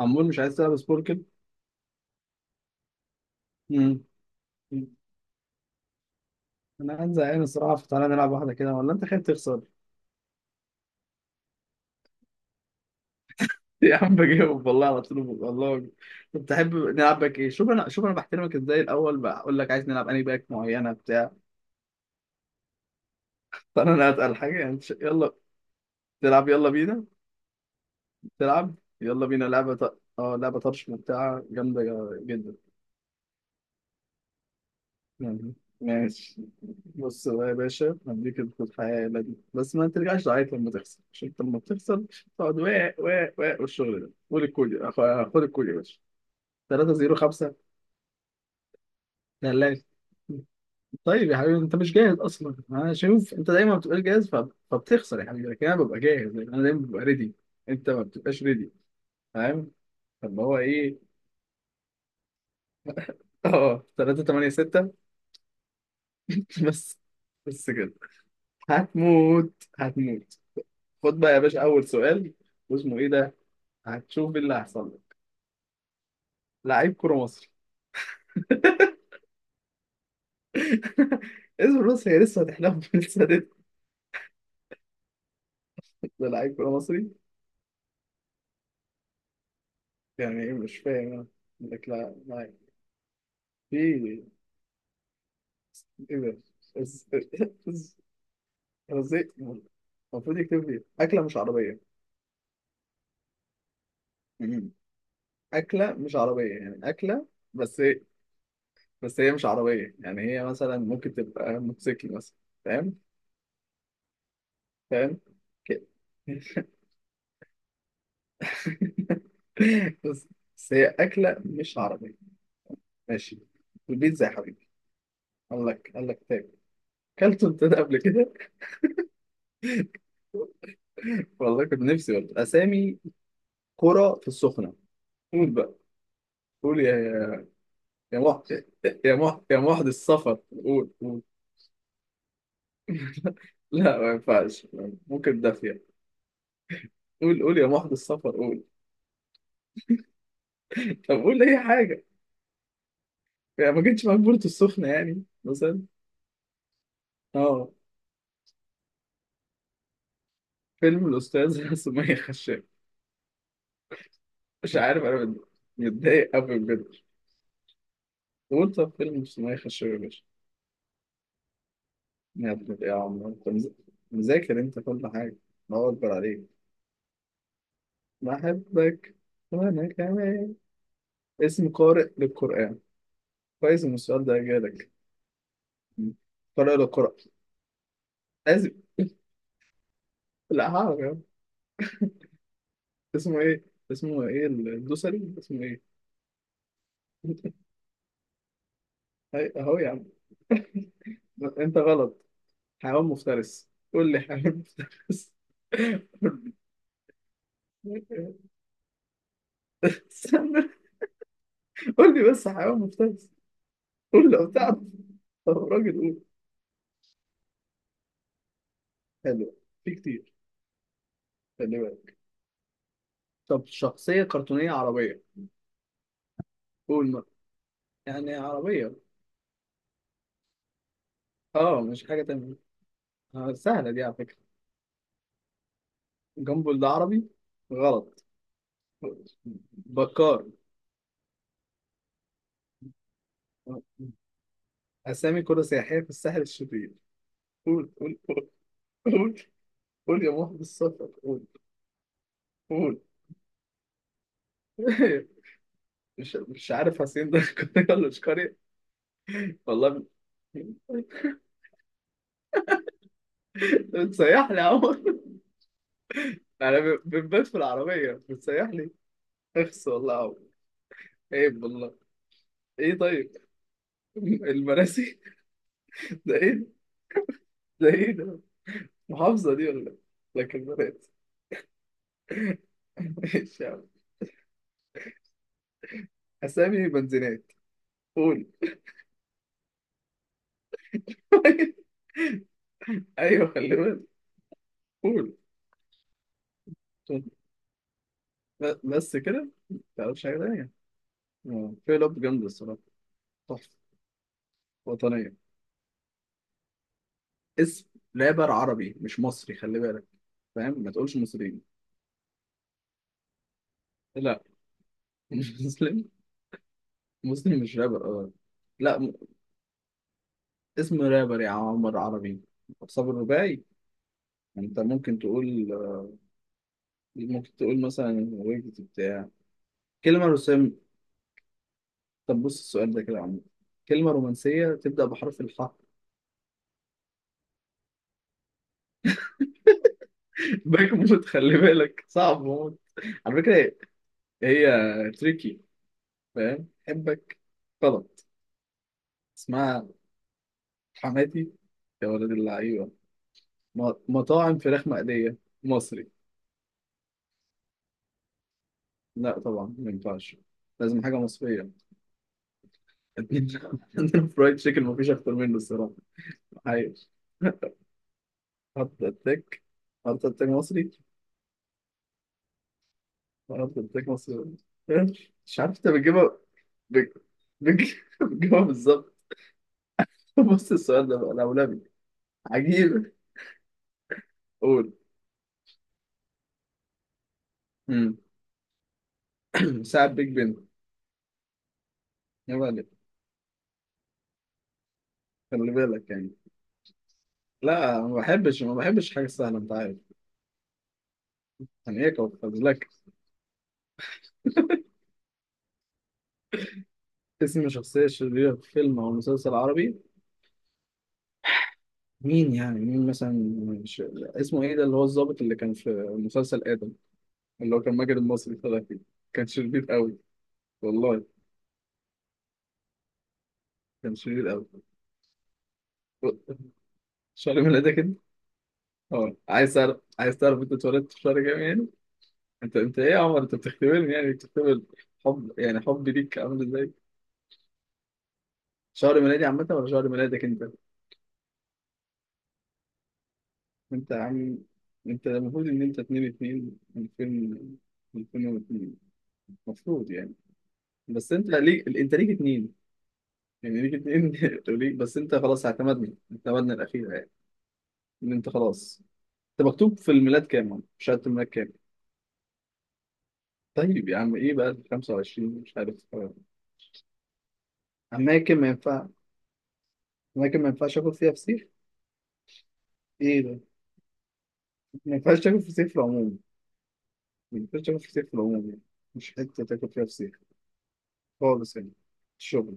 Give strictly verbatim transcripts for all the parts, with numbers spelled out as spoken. عمول مش عايز تلعب سبوركل. مم. انا قاعد زهقان الصراحه، فتعالى نلعب واحده كده، ولا انت خايف تخسر؟ يا عم بجاوب والله على طول والله. طب تحب نلعب باك ايه؟ شوف انا شوف انا بحترمك ازاي الاول، بقول لك عايز نلعب انهي باك معينه بتاع. فانا انا اتقل حاجه يعني ش- يلا. تلعب يلا بينا. تلعب يلا بينا لعبه ط- اه لعبه طرش ممتعه جامده جدا يعني. ماشي. بص بقى يا باشا، هديك الحياة دي بس ما ترجعش تعيط لما تخسر، عشان انت لما بتخسر تقعد واق واق واق والشغل ده. قول الكود. أخ- خد الكود يا باشا. ثلاثة صفر خمسة. ثلاثة. طيب يا حبيبي، انت مش جاهز اصلا، انا شوف انت دايما ما بتبقاش جاهز، فب- فبتخسر يا حبيبي، لكن انا ببقى جاهز لأن انا دايما ببقى ريدي. انت ما بتبقاش ريدي. فاهم؟ طب هو ايه؟ اه ثلاثة تمانية ستة. بس بس كده. هتموت. هتموت. خد بقى يا باشا اول سؤال. واسمه ايه ده؟ هتشوف إيه اللي هيحصل لك. لعيب كرة مصري. اسم، بص هي لسه هتحلم، لسه هتت- ده لعيب كرة مصري. يعني ايه؟ مش فاهم انا. يقول لك لا لا. في ايه ده؟ إز- إز- رزق. المفروض يكتب لي اكله مش عربيه. مم. اكله مش عربيه يعني اكله. بس هي بس هي مش عربيه، يعني هي مثلا ممكن تبقى موتوسيكل مثلا. فاهم فاهم كده. بس بس هي أكلة مش عربية. ماشي. البيتزا يا حبيبي. قال لك قال لك تاني. أكلت أنت ده قبل كده؟ والله كنت نفسي والله أسامي قرى في السخنة. قول بقى، قول يا يا محت، يا محت، يا محت السفر، قول قول. لا ما ينفعش. ممكن دافية. قول قول يا محت السفر قول. طب قول أي حاجة. يعني ما جتش معاك بورتو السخنة يعني مثلا اه؟ فيلم الأستاذة سمية خشاب. مش عارف أنا. متضايق أوي بجد. قول، طب فيلم اسمه ايه خشب يا باشا. يا ابن ايه يا عم، انت مز- مذاكر انت كل حاجة. الله أكبر عليك. بحبك. وأنا كمان. اسم قارئ للقرآن. كويس إن السؤال ده جالك. م. قارئ للقرآن لازم. لا هعرف يا عم. اسمه ايه اسمه ايه الدوسري، اسمه ايه. هاي- اهو يا عم. انت غلط. حيوان مفترس. قول لي حيوان مفترس. استنى، قول لي بس حيوان مفترس. قول لي لو تعرف. طب راجل، قول. حلو. في كتير، خلي بالك. طب شخصية كرتونية عربية. قول ما، يعني عربية. اه، مش حاجة تانية. آه، سهلة دي على فكرة. جنبه العربي. غلط. بكار. أسامي كرة سياحية في الساحل الشرير. قول قول قول قول قول يا محب السفر قول قول. مش مش عارف حسين ده قرية ولا مش قرية. والله بتسيح لي يا عمر. انا ب- بنبات في العربية بتسيح لي. اخس والله يا عمر. عيب والله. ايه طيب، المراسي. ده ايه ده ايه ده، محافظة دي ولا، لكن المراسي. ماشي يا عم. اسامي بنزينات. قول. ايوه خلي بالك. قول. ب- بس كده ما تعرفش حاجة تانية. آه، في لعبة جامدة الصراحة. تحفة. وطنية. اسم رابر عربي مش مصري خلي بالك، فاهم؟ ما تقولش مصريين. لا، مش مسلم. مسلم مش رابر، اه. لا، م- اسم رابر يا عمر عربي صابر الرباعي. انت ممكن تقول ممكن تقول مثلا ويجد بتاع. كلمة رسام. طب بص السؤال ده كده يا عم، كلمة رومانسية تبدأ بحرف الحاء. باك موت، خلي بالك صعب موت. على فكرة هي تريكي. فاهم، حبك. غلط. اسمها حماتي يا ولد اللعيبة. م- مطاعم فراخ مقلية مصري. لا طبعا ما ينفعش، لازم حاجة مصرية. عندنا فرايد تشيكن مفيش أكتر منه الصراحة. عايش. هارت أتاك. هارت أتاك مصري. أنا بتاعتك مصر. مش عارف أنت بتجيبها. بت- بتج- بتجيبها بالظبط. بص السؤال ده بقى الأولاني. عجيب. قول. مم. ساعة بيج بن. يا ولد، خلي بالك يعني. لا، ما بحبش ما بحبش حاجة سهلة أنت عارف. يعني إيه كوكب لك. اسم شخصية شريرة في فيلم أو مسلسل عربي. مين يعني؟ مين مثلا ش... اسمه إيه ده، اللي هو الضابط اللي كان في مسلسل آدم، اللي هو كان ماجد المصري طلع فيه. كان شرير قوي والله. كان شرير قوي. شعري من ايدك. أه، عايز تعرف عايز تعرف أنت اتولدت في شهر كام يعني؟ أنت أنت إيه يا عمر؟ أنت بتختبرني يعني؟ بتختبر حب يعني، حبي ليك عامل إزاي؟ شهر ميلادي عامة ولا شهر ميلادك أنت؟ أنت يا عم، أنت المفروض إن أنت اتنين اتنين ألفين. ألفين واتنين المفروض يعني. بس أنت ليك أنت ليك اتنين، يعني ليك اتنين. وليك بس أنت خلاص، اعتمدنا اعتمدنا الأخيرة يعني. إن أنت خلاص. أنت مكتوب في الميلاد كام؟ يا عم؟ في شهادة الميلاد كام؟ طيب يا عم إيه بقى خمسة وعشرين مش عارف. أماكن ما ينفع. أماكن ما ينفعش آكل فيها فسيخ. إيه ده؟ ما ينفعش تاكل فسيخ في العموم. ما ينفعش تاكل فسيخ في العموم يعني. مش حتة تاكل فيها فسيخ خالص يعني. الشغل.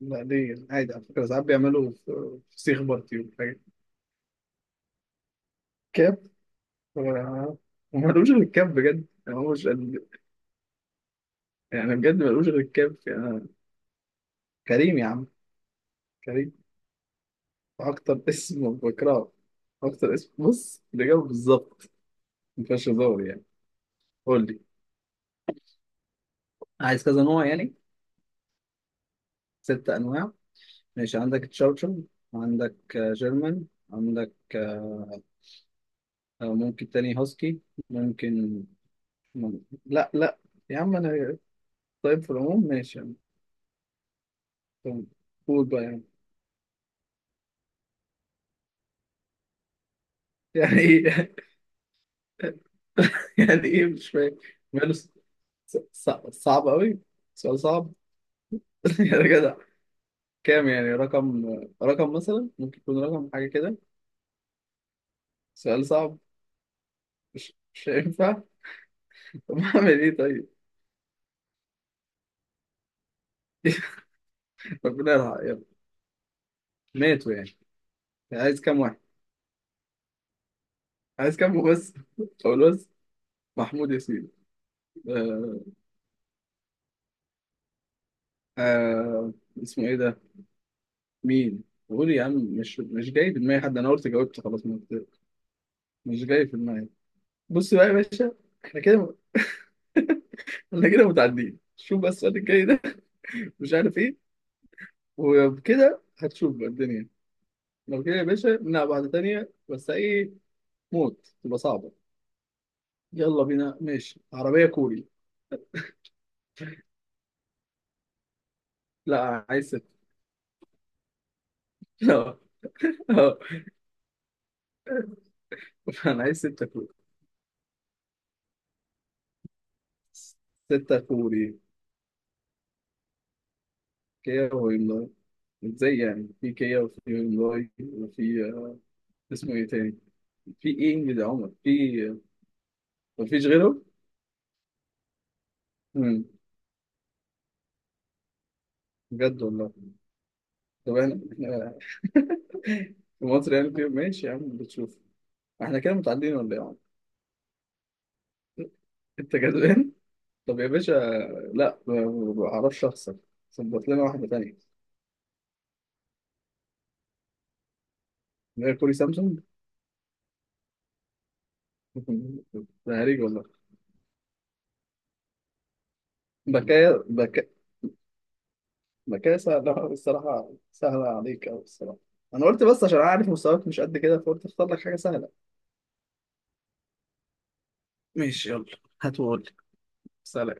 لا ليه عادي على فكرة، ساعات بيعملوا ف- فسيخ باربيكيو حاجة. كاب. هو هو ملوش غير الكاب بجد، يعني هو مش ال- يعني بجد ملوش غير الكاب يعني. كريم يا عم. كريم. أكتر اسم بكرهه. أكتر اسم، بص الإجابة بالظبط ما فيهاش هزار يعني. قول لي. عايز كذا نوع يعني. ست أنواع. ماشي. عندك تشاوتشن. عندك آه، جيرمان. عندك آه، ممكن تاني هاسكي. ممكن مم- لا لا يا عم انا. طيب في العموم ماشي يعني. طيب، قول بقى يعني. يعني ايه؟ يعني ايه مش فاهم. ماله ص- ص- صعب قوي. سؤال صعب. يا جدع. كام يعني رقم رقم مثلا ممكن يكون رقم حاجة كده. سؤال صعب. مش مش هينفع. طب اعمل ايه طيب. ربنا يرحم يلا. ماتوا يعني. عايز كام واحد؟ عايز كام بس. قول. محمود ياسين. آه. آه. اسمه ايه ده؟ مين؟ قول يا عم، مش مش جاي في دماغي حد. انا قلت جاوبت خلاص ما قلت- مش جاي في دماغي. بص بقى يا باشا، احنا كده احنا كده متعدين. شوف بس السؤال الجاي ده. مش عارف ايه. وبكده هتشوف بقى الدنيا. لو كده يا باشا نلعب واحدة تانية بس ايه موت، تبقى صعبة. يلا بينا. ماشي. عربية كوري. لا، عايز ستة. لا، لا، انا عايز ستة كوري. ستة كوري. كده هو. ازاي يعني؟ في كيا وفي هيونداي وفي آه، اسمه ايه تاني. في ايه ده يا عمر؟ في آه، مفيش غيره. امم بجد والله. طب احنا إحنا في مصر يعني. في ماشي يا عم بتشوف. احنا كده متعدين ولا ايه يا عمر. انت جدعان. طب يا باشا، لا، ما ما بعرفش اخسر. ظبط لنا واحده تانية. غير كوري سامسونج. ده هريج والله. بكايا بكايا بكايا سهله الصراحه، سهله عليك قوي الصراحه. انا قلت بس عشان عارف مستواك مش قد كده، فقلت اختار لك حاجه سهله. ماشي، يلا. هات وقول لي. سلام.